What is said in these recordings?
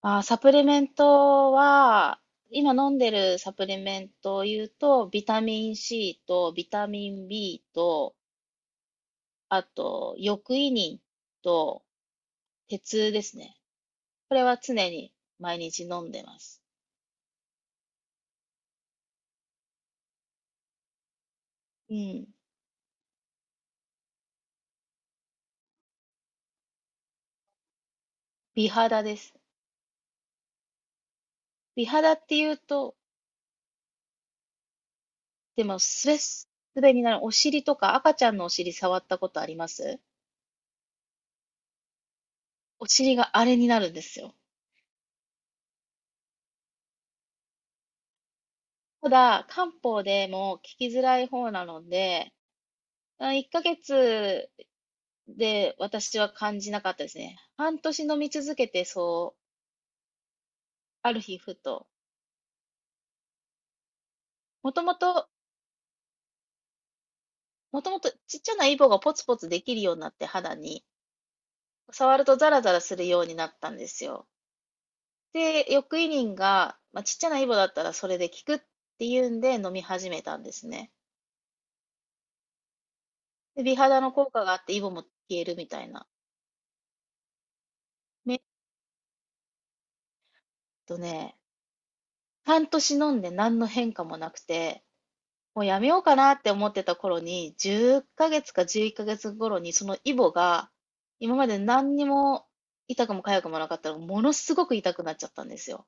あ、サプリメントは、今飲んでるサプリメントを言うと、ビタミン C とビタミン B と、あと、抑胃ニンと鉄ですね。これは常に毎日飲んでます。うん。美肌です。美肌って言うと、でも、すべすべになる。お尻とか赤ちゃんのお尻触ったことあります？お尻があれになるんですよ。ただ、漢方でも効きづらい方なので、あ、1ヶ月で私は感じなかったですね。半年飲み続けて、そう、ある日ふと、もともと、もともとちっちゃなイボがポツポツできるようになって肌に、触るとザラザラするようになったんですよ。で、翌イニンが、まあ、ちっちゃなイボだったらそれで効くっていうんで飲み始めたんですね。で、美肌の効果があってイボも消えるみたいな。めえっとね、半年飲んで何の変化もなくて、もうやめようかなって思ってた頃に、10ヶ月か11ヶ月頃に、そのイボが、今まで何にも痛くも痒くもなかったのが、ものすごく痛くなっちゃったんですよ。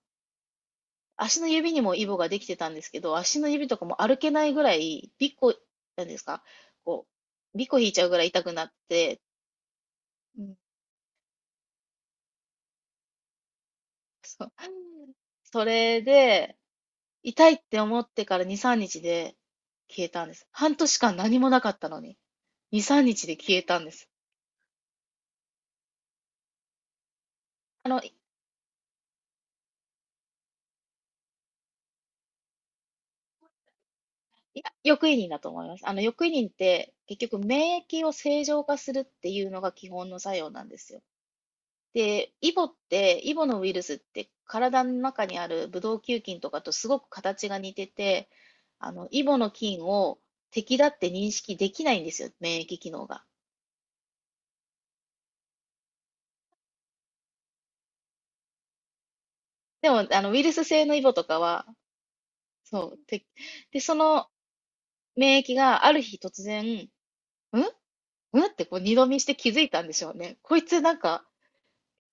足の指にもイボができてたんですけど、足の指とかも歩けないぐらい、びっこ、なんですか、こう、びっこ引いちゃうぐらい痛くなって、うん、そう。それで、痛いって思ってから2、3日で消えたんです。半年間何もなかったのに、2、3日で消えたんです。あの、いや、欲移人だと思います。欲移人って結局免疫を正常化するっていうのが基本の作用なんですよ。で、イボって、イボのウイルスって体の中にあるブドウ球菌とかとすごく形が似てて、イボの菌を敵だって認識できないんですよ、免疫機能が。でも、ウイルス性のイボとかは、そう、で、その免疫がある日突然、んんってこう二度見して気づいたんでしょうね。こいつなんか、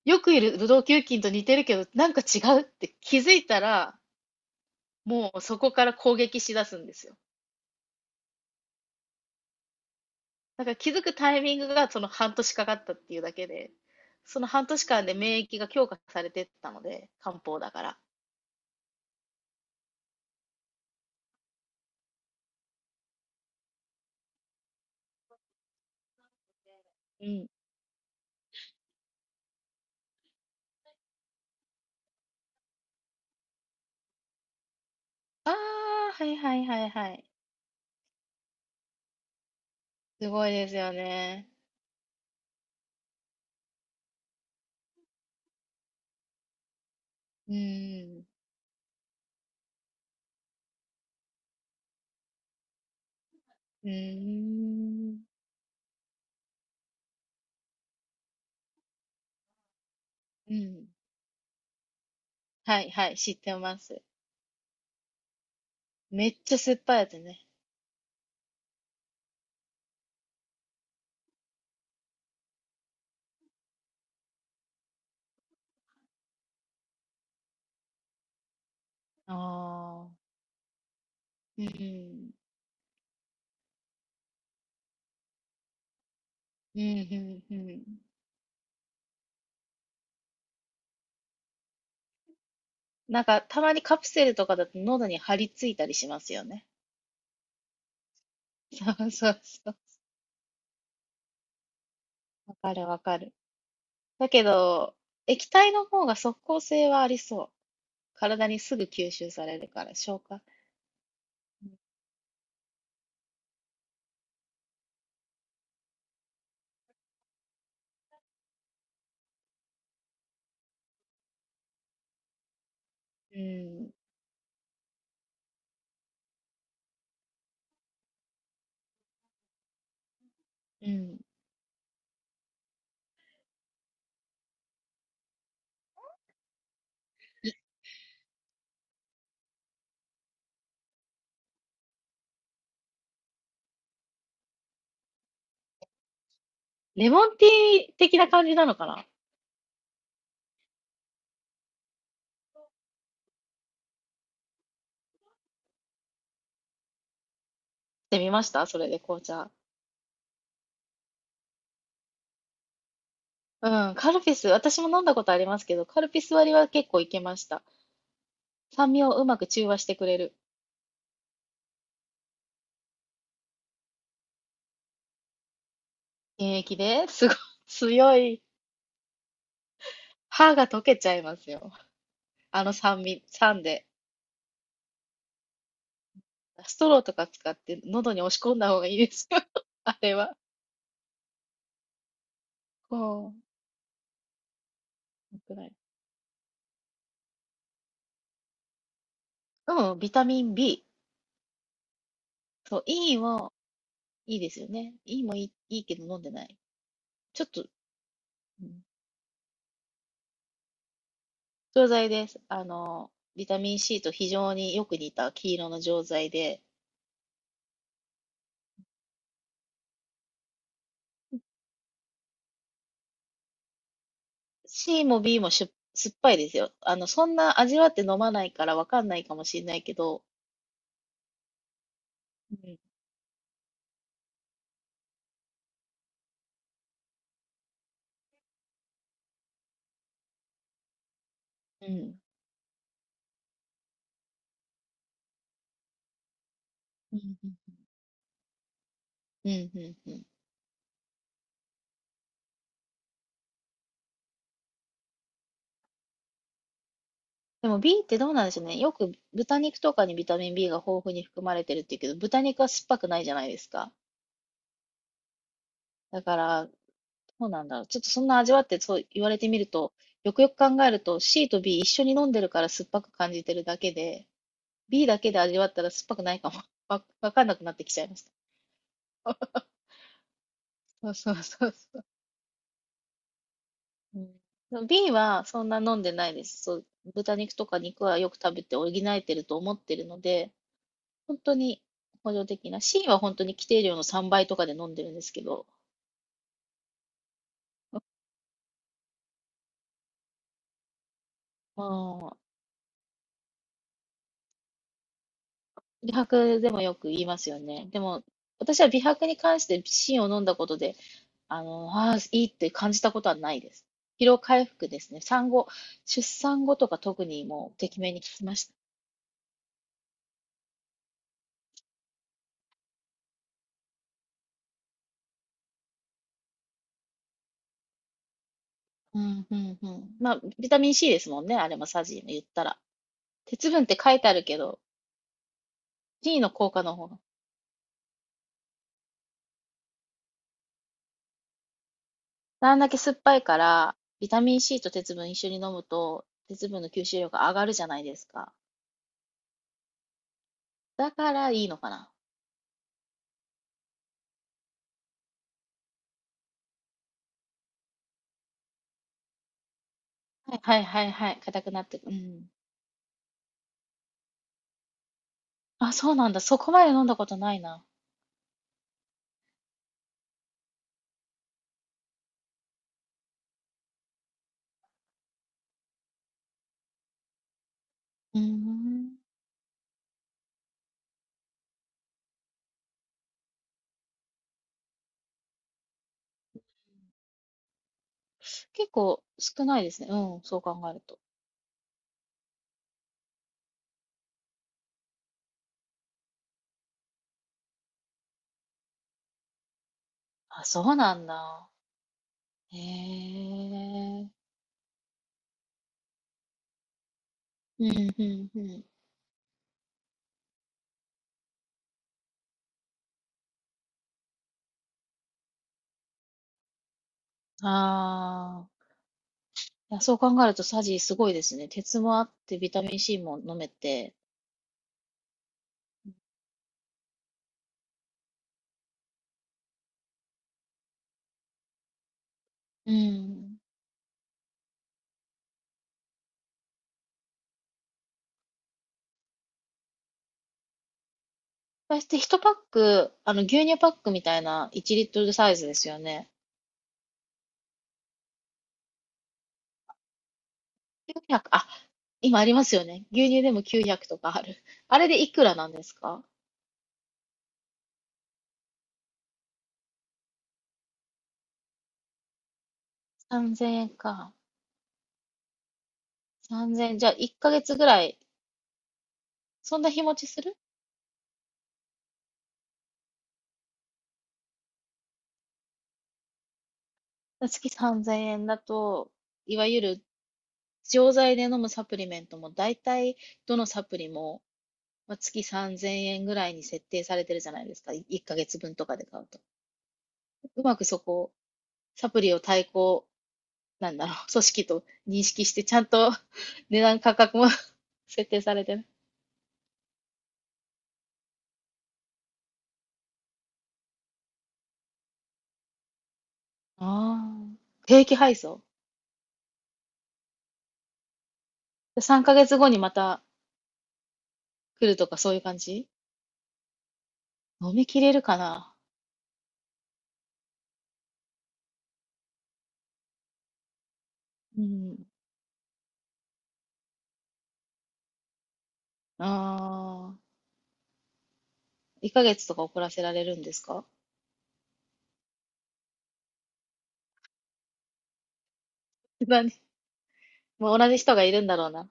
よくいるブドウ球菌と似てるけど、なんか違うって気づいたら、もうそこから攻撃しだすんですよ。だから気づくタイミングがその半年かかったっていうだけで、その半年間で免疫が強化されてったので、漢方だから。うん。ああ、はいはいはいはい。すごいですよね。うん。うーん。うん。はいはい、知ってます。めっちゃ酸っぱいやつね。ああ。うん。うん、うんうん。なんか、たまにカプセルとかだと喉に張り付いたりしますよね。そうそうそう。わかるわかる。だけど、液体の方が即効性はありそう。体にすぐ吸収されるから、消化。うん、うん。レモンティー的な感じなのかなって、みました、それで紅茶。うん、カルピス、私も飲んだことありますけど、カルピス割りは結構いけました。酸味をうまく中和してくれる。原液ですごい強い。歯が溶けちゃいますよ。あの酸味、酸で。ストローとか使って喉に押し込んだ方がいいですよ。あれは。こうん。くらい。うん、ビタミン B。そう、E もいいですよね。E もいいけど飲んでない。ちょっと、うん、錠剤です。ビタミン C と非常によく似た黄色の錠剤で、C も B も酸っぱいですよ。そんな味わって飲まないからわかんないかもしれないけど、うん、うん、うん、うん、うん。うん。でも B ってどうなんでしょうね。よく豚肉とかにビタミン B が豊富に含まれてるって言うけど、豚肉は酸っぱくないじゃないですか。だから、どうなんだろう。ちょっとそんな味わってそう言われてみると、よくよく考えると C と B 一緒に飲んでるから酸っぱく感じてるだけで、B だけで味わったら酸っぱくないかも。わかんなくなってきちゃいました。そうそうそうそう。うん、でも B はそんな飲んでないです。そう、豚肉とか肉はよく食べて補えてると思ってるので、本当に補助的な、C は本当に規定量の3倍とかで飲んでるんですけど、まあ、美白でもよく言いますよね。でも、私は美白に関して C を飲んだことで、ああ、いいって感じたことはないです。疲労回復ですね。産後、出産後とか特にもう、てきめんに効きました。うん、うんうん。まあ、ビタミン C ですもんね、あれもサジじ言ったら。鉄分って書いてあるけど、C の効果の方があんだけ酸っぱいから、ビタミン C と鉄分一緒に飲むと、鉄分の吸収量が上がるじゃないですか。だからいいのかな。はいはいはいはい。硬くなってく。うん。あ、そうなんだ。そこまで飲んだことないな。うーん。結構少ないですね。うん、そう考えると。あ、そうなんだ。へえ。うんうん。ああ。いや、そう考えるとサジすごいですね。鉄もあってビタミン C も飲めて。うん。そして1パック、牛乳パックみたいな1リットルサイズですよね。9 0、あ、今ありますよね。牛乳でも900とかある。あれでいくらなんですか？ 3000 円か。3 0、じゃあ1ヶ月ぐらい、そんな日持ちする？月3000円だと、いわゆる錠剤で飲むサプリメントも大体どのサプリも、まあ、月3000円ぐらいに設定されてるじゃないですか。1ヶ月分とかで買うと。うまくそこ、サプリを対抗なんだろう、組織と認識して、ちゃんと 値段価格も 設定されてる。ああ。定期配送？ 3 ヶ月後にまた来るとかそういう感じ？飲み切れるかな？うん。ああ。1ヶ月とか遅らせられるんですか？ 何？もう同じ人がいるんだろうな。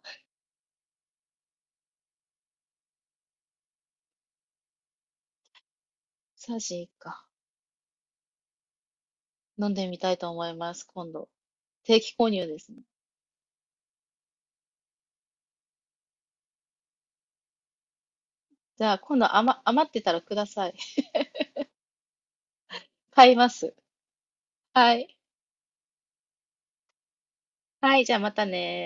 サーシン一家。飲んでみたいと思います、今度。定期購入ですね。じゃあ、今度余ってたらください。買います。はい。はい、じゃあまたね。